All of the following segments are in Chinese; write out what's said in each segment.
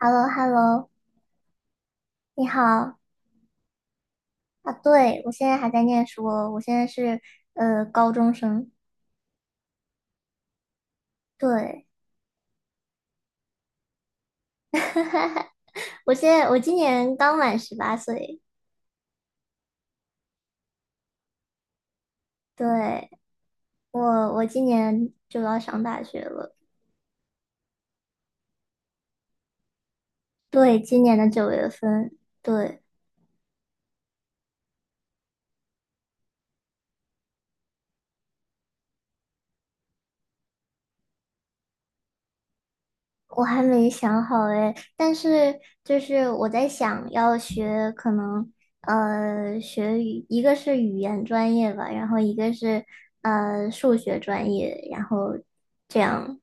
h e l l o h e l l o 你好啊！对，我现在还在念书哦，我现在是高中生。对，我现在我今年刚满十八岁。对，我我今年就要上大学了。对，今年的9月份。对，我还没想好哎，但是就是我在想要学，可能学语，一个是语言专业吧，然后一个是数学专业，然后这样。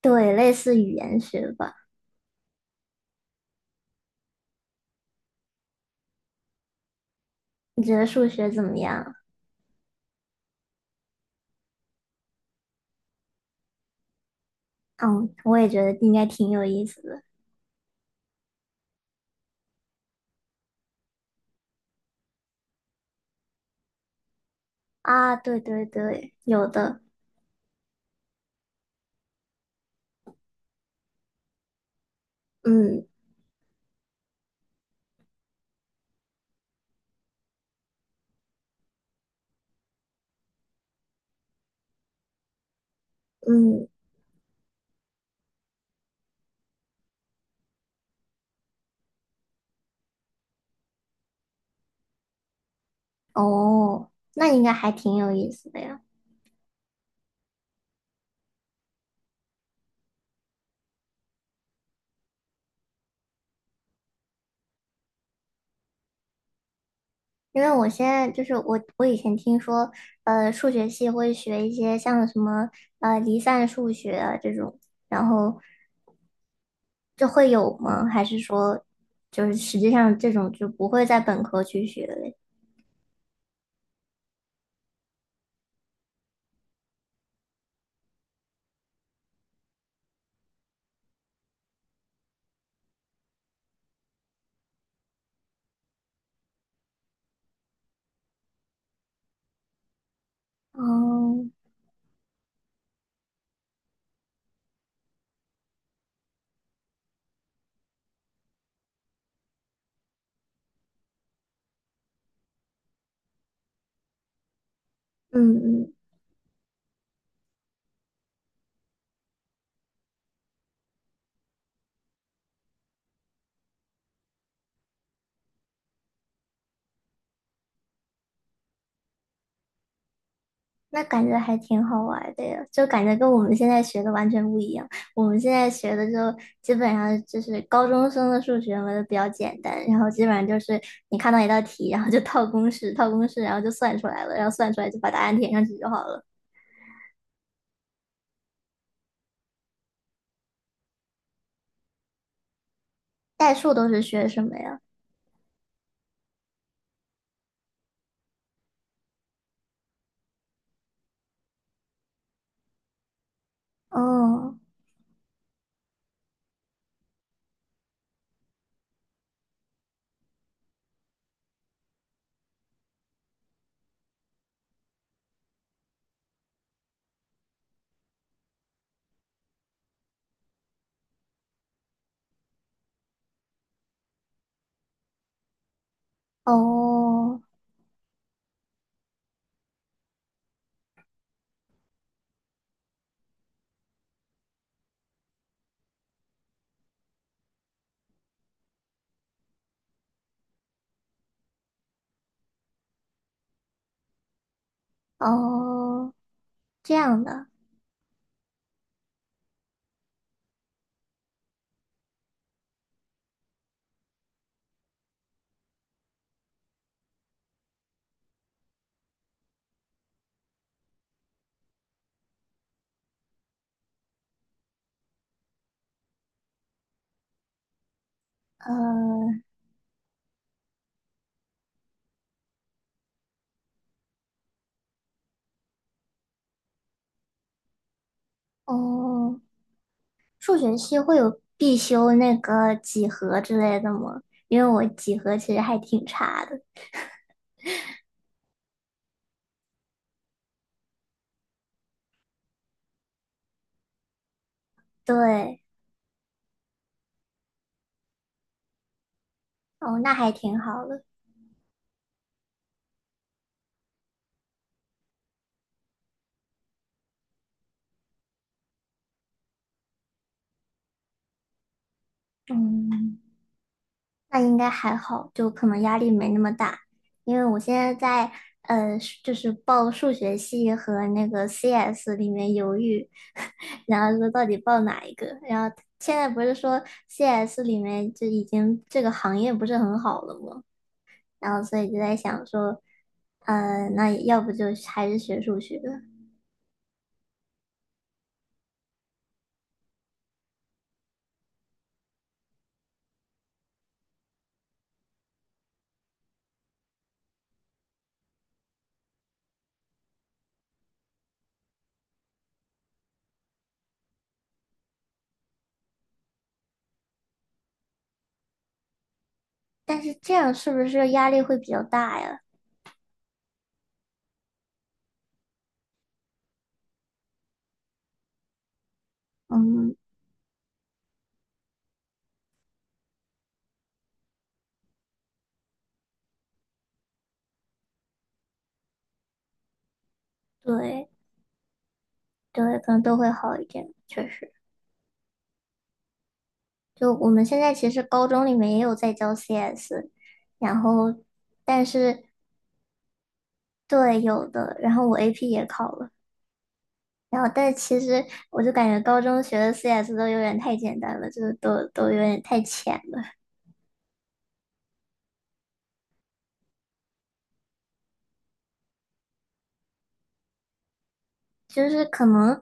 对，类似语言学吧。你觉得数学怎么样？嗯，我也觉得应该挺有意思的啊。对对对，有的。嗯嗯，哦，那应该还挺有意思的呀。因为我现在就是我，我以前听说，数学系会学一些像什么离散数学啊这种，然后这会有吗？还是说，就是实际上这种就不会在本科去学嘞？哦，嗯嗯，那感觉还挺好玩的呀，就感觉跟我们现在学的完全不一样。我们现在学的就基本上就是高中生的数学嘛，就比较简单，然后基本上就是你看到一道题，然后就套公式，套公式，然后就算出来了，然后算出来就把答案填上去就好了。代数都是学什么呀？嗯，哦哦，这样的，呃哦，数学系会有必修那个几何之类的吗？因为我几何其实还挺差的。对，哦，那还挺好的。嗯，那应该还好，就可能压力没那么大，因为我现在在呃，就是报数学系和那个 CS 里面犹豫，然后说到底报哪一个。然后现在不是说 CS 里面就已经这个行业不是很好了吗？然后所以就在想说，那要不就还是学数学，但是这样是不是压力会比较大呀？嗯，对。对，可能都会好一点，确实。就我们现在其实高中里面也有在教 CS,然后但是对有的，然后我 AP 也考了，然后但其实我就感觉高中学的 CS 都有点太简单了，就是都有点太浅了，就是可能，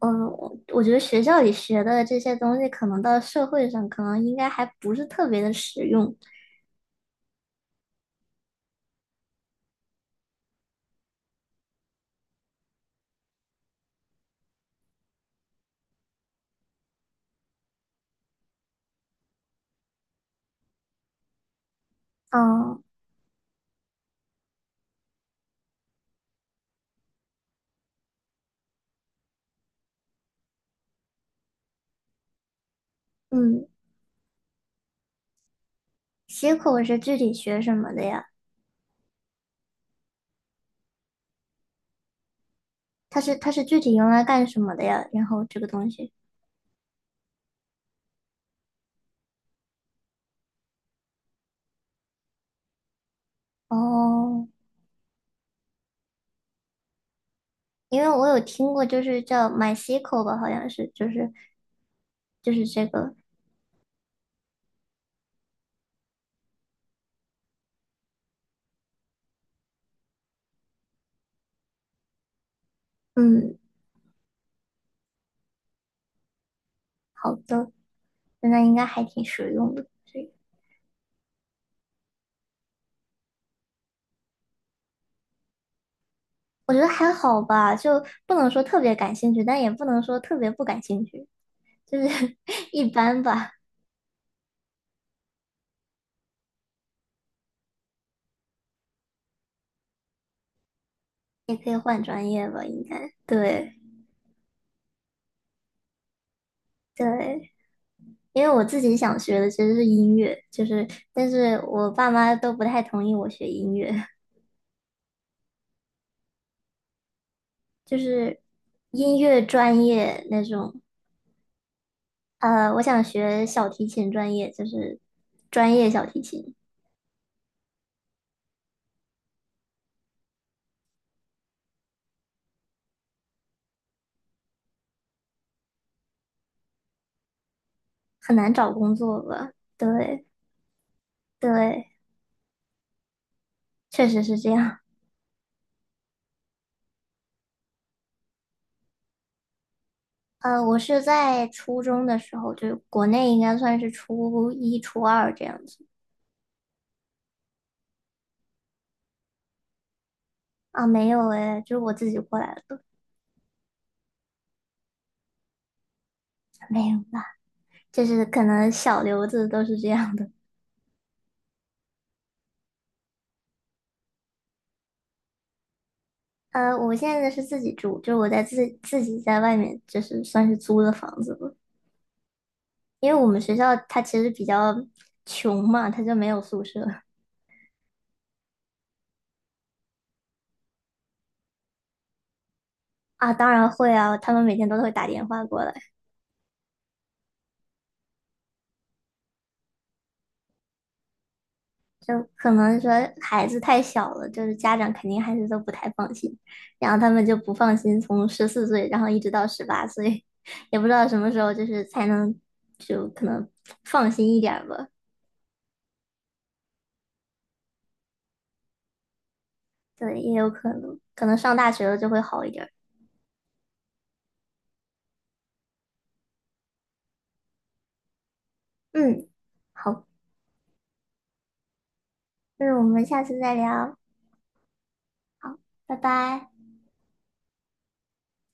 嗯，我觉得学校里学的这些东西，可能到社会上可能应该还不是特别的实用。嗯嗯，C 口是具体学什么的呀？它是具体用来干什么的呀？然后这个东西哦，因为我有听过，就是叫 MySQL 吧，好像是，就是就是这个，嗯，好的，那应该还挺实用的。这个我觉得还好吧，就不能说特别感兴趣，但也不能说特别不感兴趣，就是 一般吧，也可以换专业吧，应该对对。因为我自己想学的其实是音乐，就是，但是我爸妈都不太同意我学音乐。就是音乐专业那种。我想学小提琴专业，就是专业小提琴，很难找工作吧？对对，确实是这样。我是在初中的时候，就是国内应该算是初一、初二这样子啊，没有诶，就是我自己过来的，没有吧？就是可能小刘子都是这样的。我现在是自己住，就是我在自自己在外面，就是算是租的房子吧。因为我们学校它其实比较穷嘛，它就没有宿舍啊。当然会啊，他们每天都会打电话过来，就可能说孩子太小了，就是家长肯定还是都不太放心，然后他们就不放心，从14岁然后一直到十八岁，也不知道什么时候就是才能就可能放心一点儿吧。对，也有可能，可能上大学了就会好一点儿。嗯，好，那我们下次再聊，好，拜拜。